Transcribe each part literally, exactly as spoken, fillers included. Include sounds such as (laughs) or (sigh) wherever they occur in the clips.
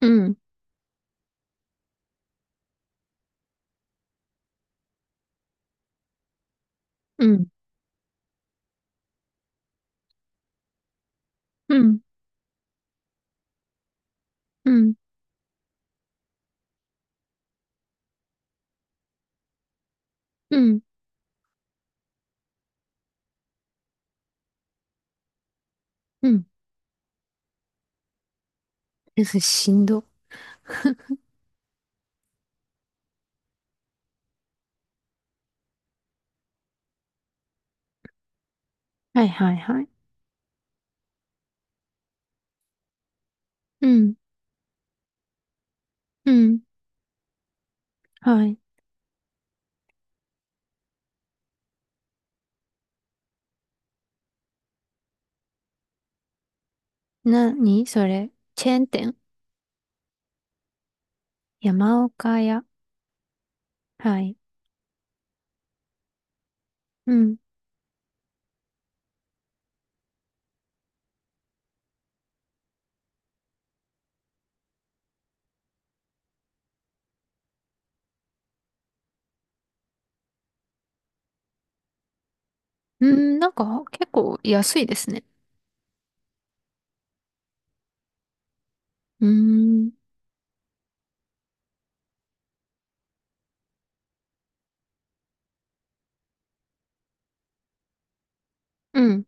うん、うん、うん、うん、うん、うん。え、それしんど。はいはいはい。うん、うん、はい。なにそれチェーン店？山岡屋。はい。うん。うん、なんか結構安いですね。うーん、うん。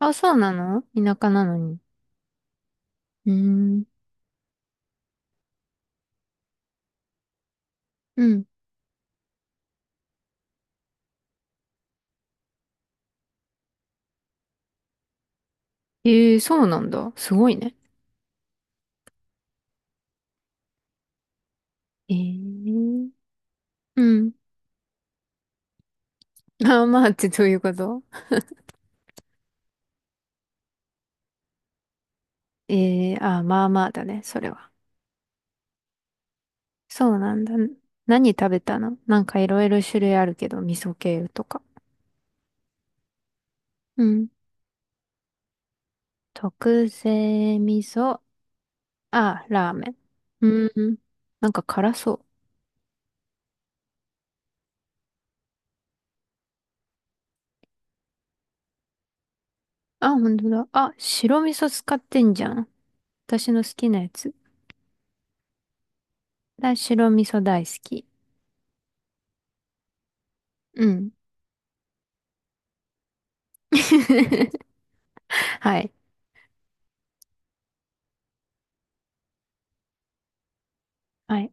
あ、そうなの？田舎なのに。うーん、うん。ええ、そうなんだ。すごいね。ええ、うん。あ、まあってどういうこと？ええ、あ、まあまあだね、それは。そうなんだ。何食べたの？なんかいろいろ種類あるけど、味噌系とか。うん。特製味噌。あ、ラーメン。うん。なんか辛そう。あ、本当だ。あ、白味噌使ってんじゃん。私の好きなやつ。だ、白味噌大好き。うん。(laughs) はい。はい。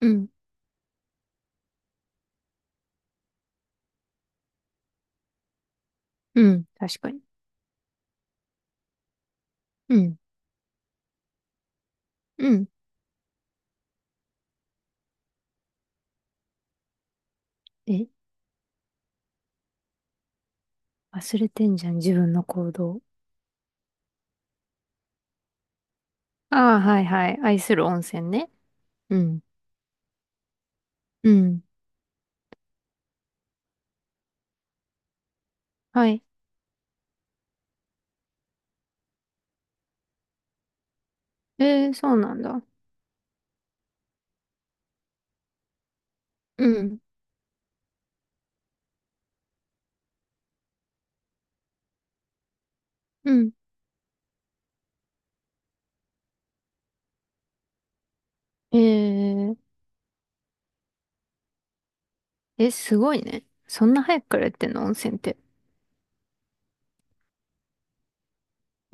うん。うん。確かに。うん。うん。え、忘れてんじゃん、自分の行動。ああ、はいはい。愛する温泉ね。うん。うん。はい。えー、そうなんだ。うん。うん。えー、え、すごいね。そんな早くからやってんの温泉って？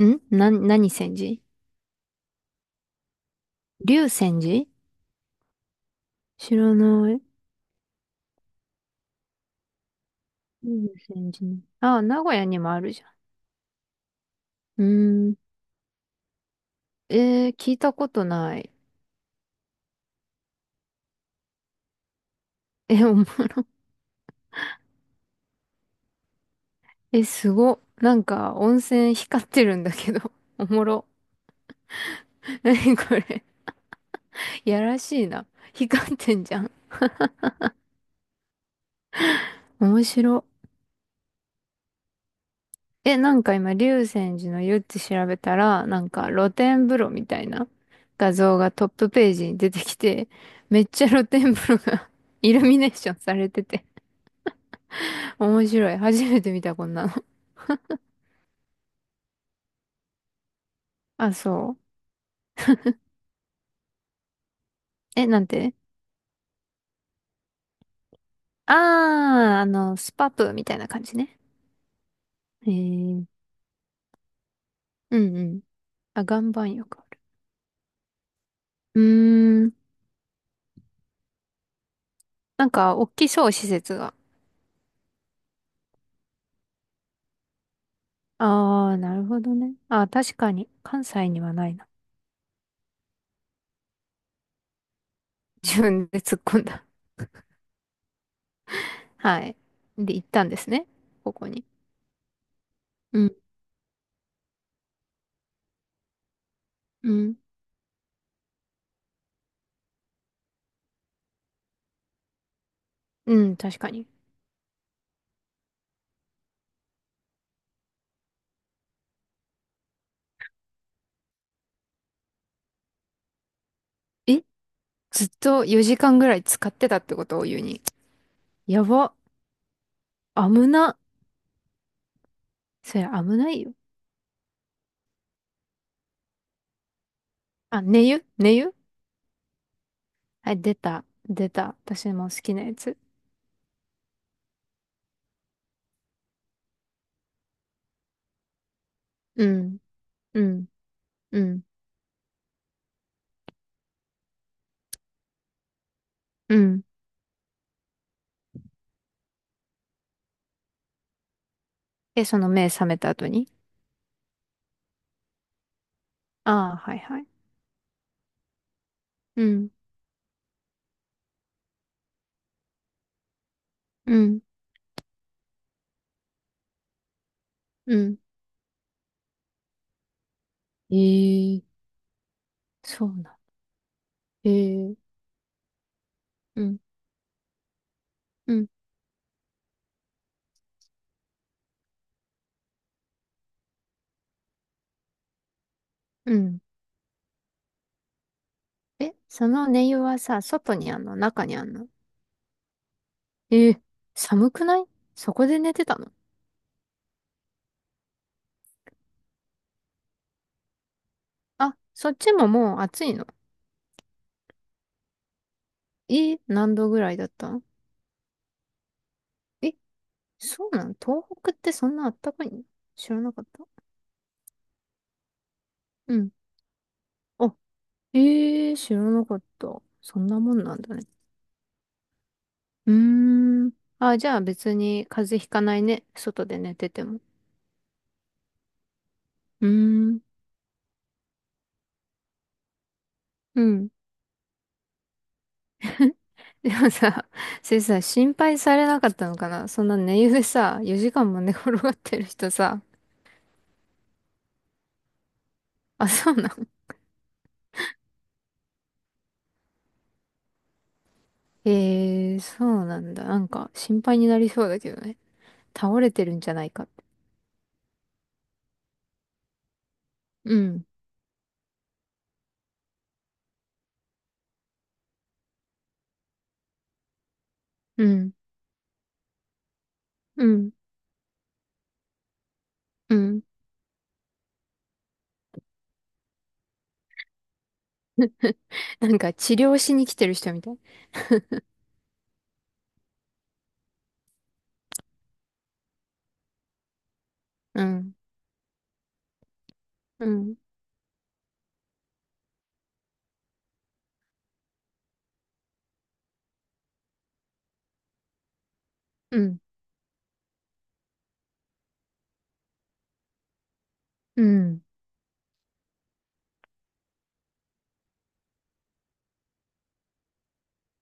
んな、何泉寺？龍泉寺？知らない。龍泉寺ね。あ、名古屋にもあるじゃん。うーん。えー、聞いたことない。え、おも、え、すご。なんか、温泉光ってるんだけど。おもろ。なにこれ。やらしいな。光ってんじゃん。面白。え、なんか今、竜泉寺の湯って調べたら、なんか露天風呂みたいな画像がトップページに出てきて、めっちゃ露天風呂が (laughs) イルミネーションされてて、面白い。初めて見た、こんなの。あ、そう。え、なんて？あー、あの、スパプみたいな感じね。えー、うんうん。あ、岩盤浴ある。うーん、なんか、大きそう、施設が。あー、なるほどね。あー、確かに、関西にはないな。自分で突っ込んだ。はい。で、行ったんですね。ここに。うん、うん、うん、確かに。え、ずっとよじかんぐらい使ってたってことを言うに。やば、危な。それ危ないよ。あ、寝湯寝湯。はい、出た、出た。私も好きなやつ。うん、うん、うん、うん。え、その目覚めた後に？ああー、はいはい。うん、うん、うん。ええ、そうな。ええ、うん、うん、うん。え、その寝湯はさ、外にあんの？中にあんの？えー、寒くない？そこで寝てたの？あ、そっちももう暑いの？えー、何度ぐらいだったの？え、そうなの？東北ってそんなあったかいの？知らなかった。うん。あ、えー、知らなかった。そんなもんなんだね。うーん。あ、じゃあ別に風邪ひかないね。外で寝てても。うーん。うん。(laughs) でもさ、それさ、心配されなかったのかな？そんな寝湯でさ、よじかんも寝転がってる人さ。あ、そうなの？ええー、そうなんだ。なんか心配になりそうだけどね。倒れてるんじゃないかって。うん、うん、うん、うん。(laughs) なんか治療しに来てる人みたい。うん、うん、うん、うん、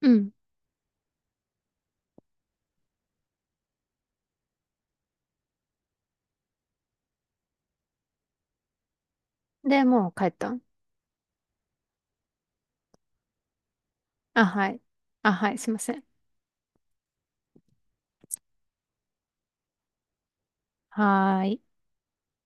うん。で、もう帰ったん？あ、はい。あ、はい、すいません。はーい。